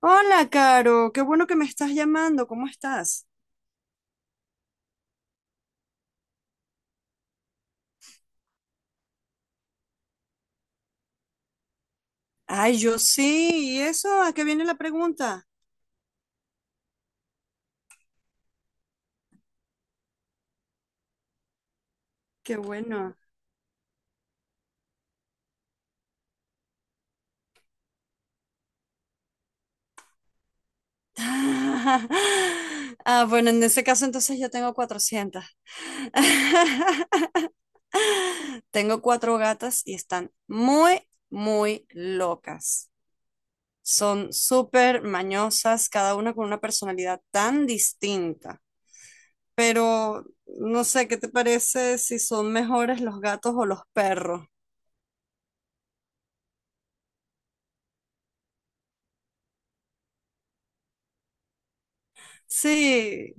Hola, Caro, qué bueno que me estás llamando, ¿cómo estás? Ay, yo sí, ¿y eso? ¿A qué viene la pregunta? Qué bueno. Ah, bueno, en ese caso entonces yo tengo 400. Tengo cuatro gatas y están muy locas. Son súper mañosas, cada una con una personalidad tan distinta. Pero no sé, ¿qué te parece si son mejores los gatos o los perros? Sí,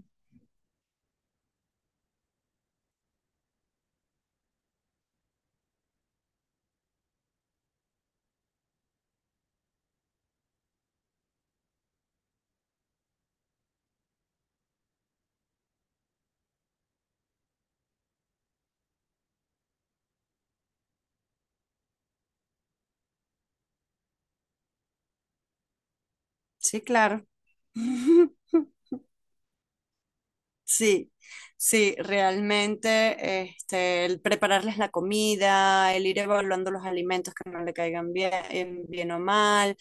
sí, claro. Sí, sí, realmente este, el prepararles la comida, el ir evaluando los alimentos que no le caigan bien, bien o mal,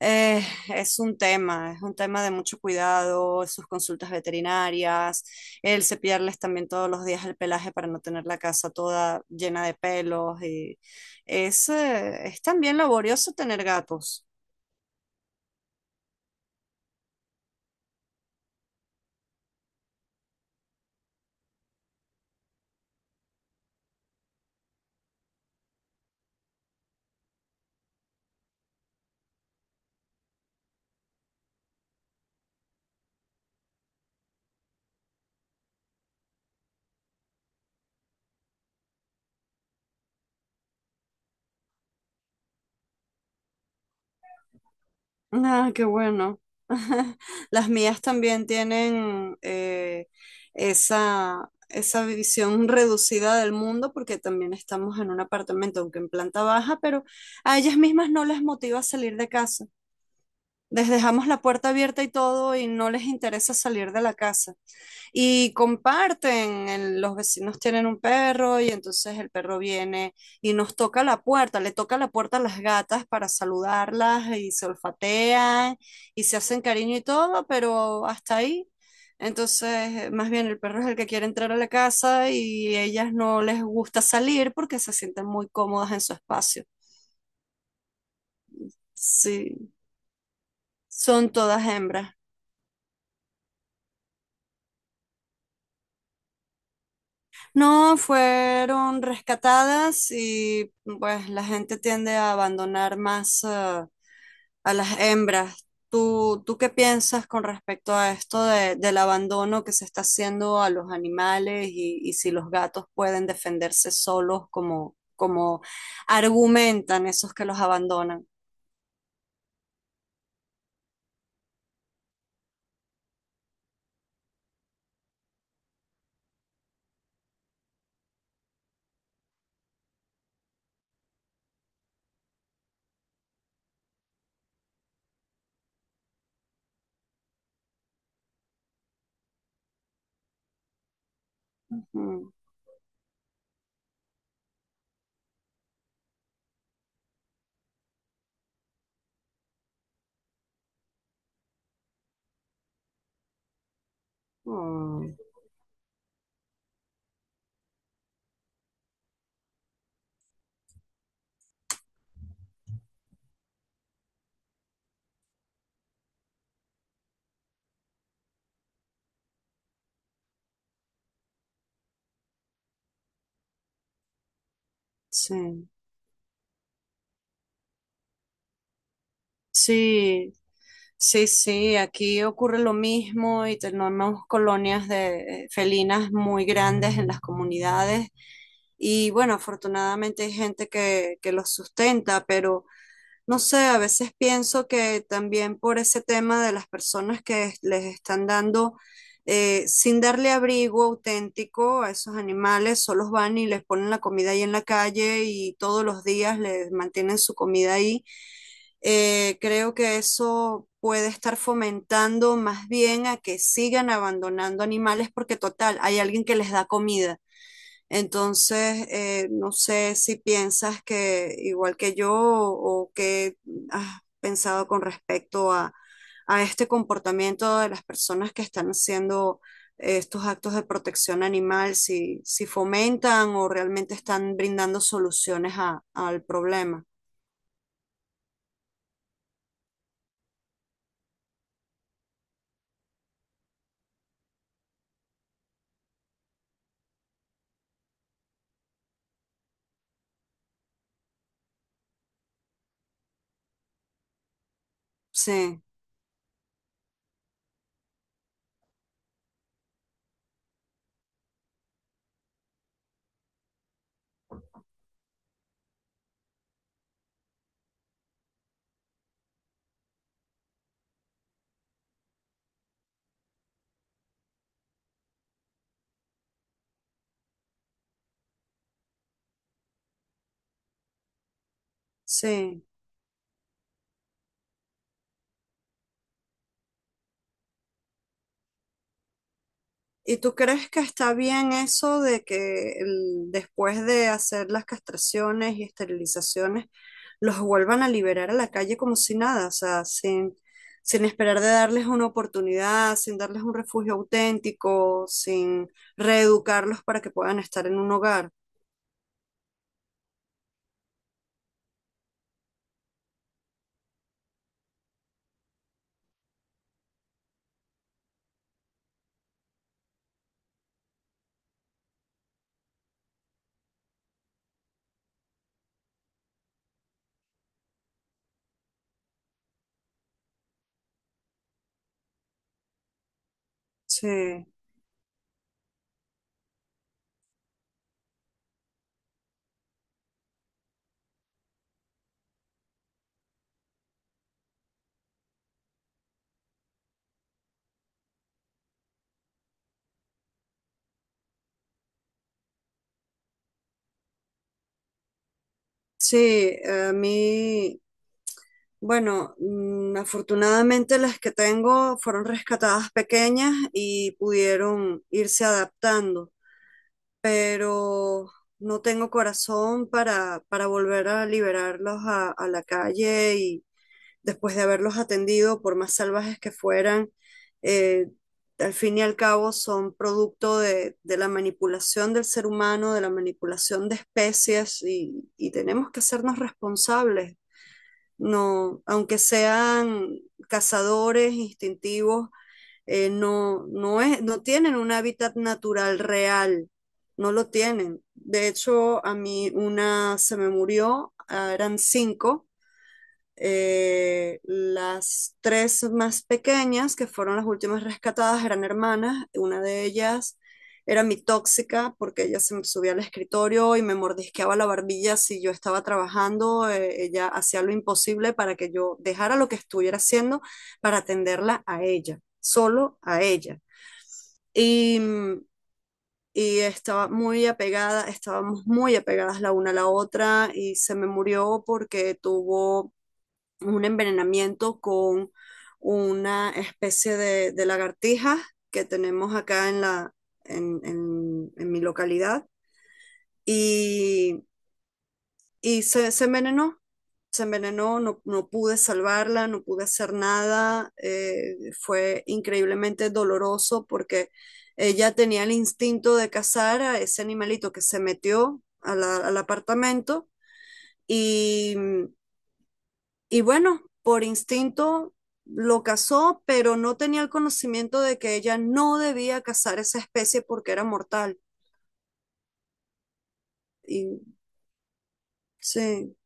eh, es un tema de mucho cuidado, sus consultas veterinarias, el cepillarles también todos los días el pelaje para no tener la casa toda llena de pelos y es también laborioso tener gatos. Ah, qué bueno. Las mías también tienen esa visión reducida del mundo porque también estamos en un apartamento, aunque en planta baja, pero a ellas mismas no les motiva salir de casa. Les dejamos la puerta abierta y todo y no les interesa salir de la casa. Y comparten, los vecinos tienen un perro y entonces el perro viene y nos toca la puerta, le toca la puerta a las gatas para saludarlas y se olfatean y se hacen cariño y todo, pero hasta ahí. Entonces, más bien el perro es el que quiere entrar a la casa y ellas no les gusta salir porque se sienten muy cómodas en su espacio. Sí, son todas hembras. No, fueron rescatadas y pues la gente tiende a abandonar más ah, a las hembras. ¿Tú qué piensas con respecto a esto del abandono que se está haciendo a los animales y si los gatos pueden defenderse solos como, como argumentan esos que los abandonan? Mm, mm, sí, sí, sí, sí, aquí ocurre lo mismo y tenemos colonias de felinas muy grandes en las comunidades y bueno, afortunadamente hay gente que los sustenta, pero no sé, a veces pienso que también por ese tema de las personas que les están dando, sin darle abrigo auténtico a esos animales, solo van y les ponen la comida ahí en la calle y todos los días les mantienen su comida ahí creo que eso puede estar fomentando más bien a que sigan abandonando animales porque total, hay alguien que les da comida. Entonces, no sé si piensas que igual que yo o qué has pensado con respecto a este comportamiento de las personas que están haciendo estos actos de protección animal, si, si fomentan o realmente están brindando soluciones al problema. Sí, sí. ¿Y tú crees que está bien eso de que después de hacer las castraciones y esterilizaciones los vuelvan a liberar a la calle como si nada, o sea, sin, sin esperar de darles una oportunidad, sin darles un refugio auténtico, sin reeducarlos para que puedan estar en un hogar? Sí, sí, a mí, bueno, mm, afortunadamente las que tengo fueron rescatadas pequeñas y pudieron irse adaptando. Pero no tengo corazón para volver a liberarlos a la calle y después de haberlos atendido, por más salvajes que fueran, eh, al fin y al cabo son producto de la manipulación del ser humano, de la manipulación de especies y tenemos que hacernos responsables. No, aunque sean cazadores instintivos, no, no, es, no tienen un hábitat natural real, no lo tienen. De hecho, a mí una se me murió, ah, eran cinco, las tres más pequeñas, que fueron las últimas rescatadas, eran hermanas. Una de ellas era mi tóxica porque ella se me subía al escritorio y me mordisqueaba la barbilla si yo estaba trabajando. Ella hacía lo imposible para que yo dejara lo que estuviera haciendo para atenderla a ella, solo a ella. Y, mm, y estaba muy apegada, estábamos muy apegadas la una a la otra y se me murió porque tuvo un envenenamiento con una especie de lagartijas que tenemos acá en la, en, en mi localidad y, y se envenenó. Se envenenó, no, no pude salvarla, no pude hacer nada. Fue increíblemente doloroso porque ella tenía el instinto de cazar a ese animalito que se metió a al apartamento y, Y bueno, por instinto lo cazó, pero no tenía el conocimiento de que ella no debía cazar esa especie porque era mortal. Y sí,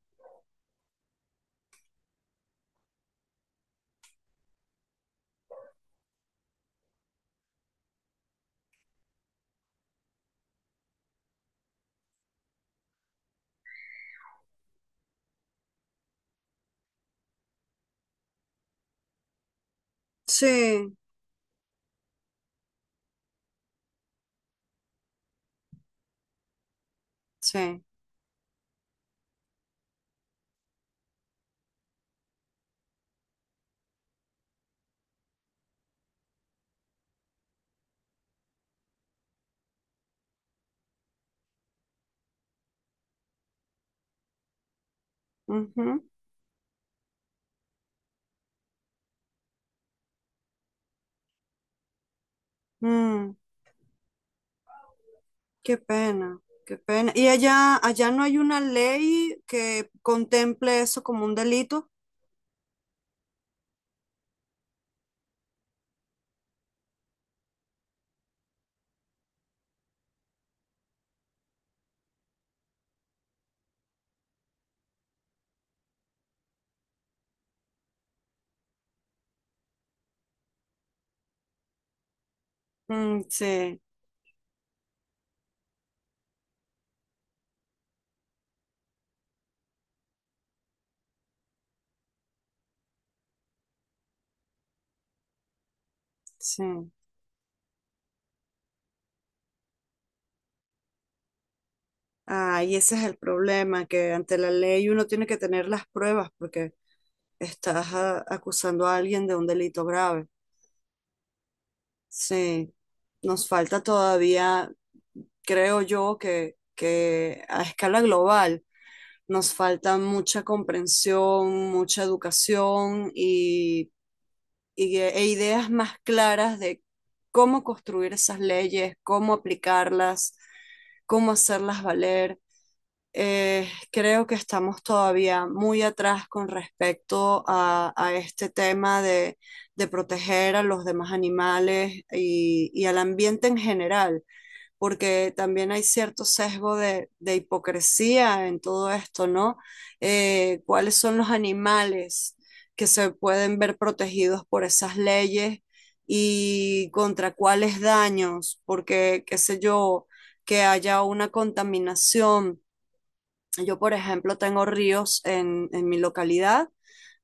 sí, sí. Ujú, mm, qué pena, qué pena. ¿Y allá, allá no hay una ley que contemple eso como un delito? Mm, sí, sí. Ah, y ese es el problema, que ante la ley uno tiene que tener las pruebas porque estás ah, acusando a alguien de un delito grave. Sí, nos falta todavía, creo yo, que a escala global nos falta mucha comprensión, mucha educación y, e ideas más claras de cómo construir esas leyes, cómo aplicarlas, cómo hacerlas valer. Creo que estamos todavía muy atrás con respecto a este tema de proteger a los demás animales y al ambiente en general, porque también hay cierto sesgo de hipocresía en todo esto, ¿no? ¿Cuáles son los animales que se pueden ver protegidos por esas leyes y contra cuáles daños? Porque, qué sé yo, que haya una contaminación yo, por ejemplo, tengo ríos en mi localidad,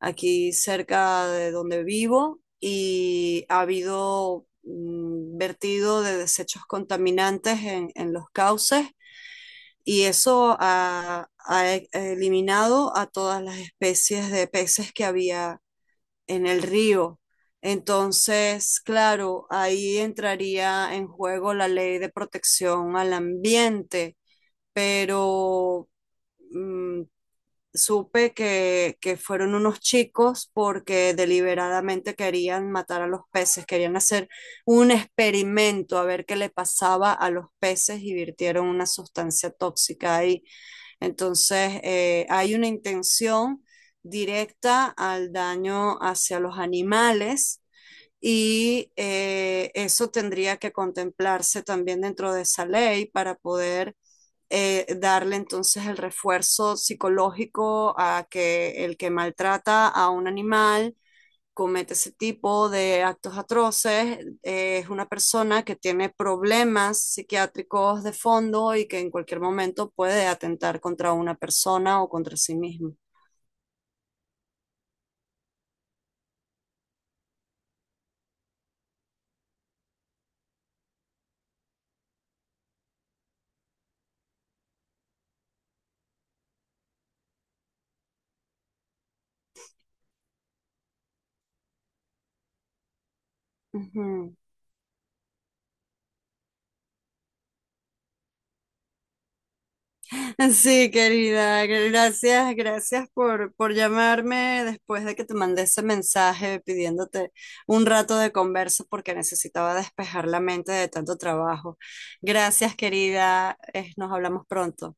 aquí cerca de donde vivo, y ha habido mm, vertido de desechos contaminantes en los cauces y eso ha, eliminado a todas las especies de peces que había en el río. Entonces, claro, ahí entraría en juego la ley de protección al ambiente, pero mm, supe que fueron unos chicos porque deliberadamente querían matar a los peces, querían hacer un experimento a ver qué le pasaba a los peces y virtieron una sustancia tóxica ahí. Entonces, hay una intención directa al daño hacia los animales y eso tendría que contemplarse también dentro de esa ley para poder darle entonces el refuerzo psicológico a que el que maltrata a un animal comete ese tipo de actos atroces, es una persona que tiene problemas psiquiátricos de fondo y que en cualquier momento puede atentar contra una persona o contra sí mismo. Uh -huh. Sí, querida, gracias, gracias por llamarme después de que te mandé ese mensaje pidiéndote un rato de conversa porque necesitaba despejar la mente de tanto trabajo. Gracias, querida, nos hablamos pronto.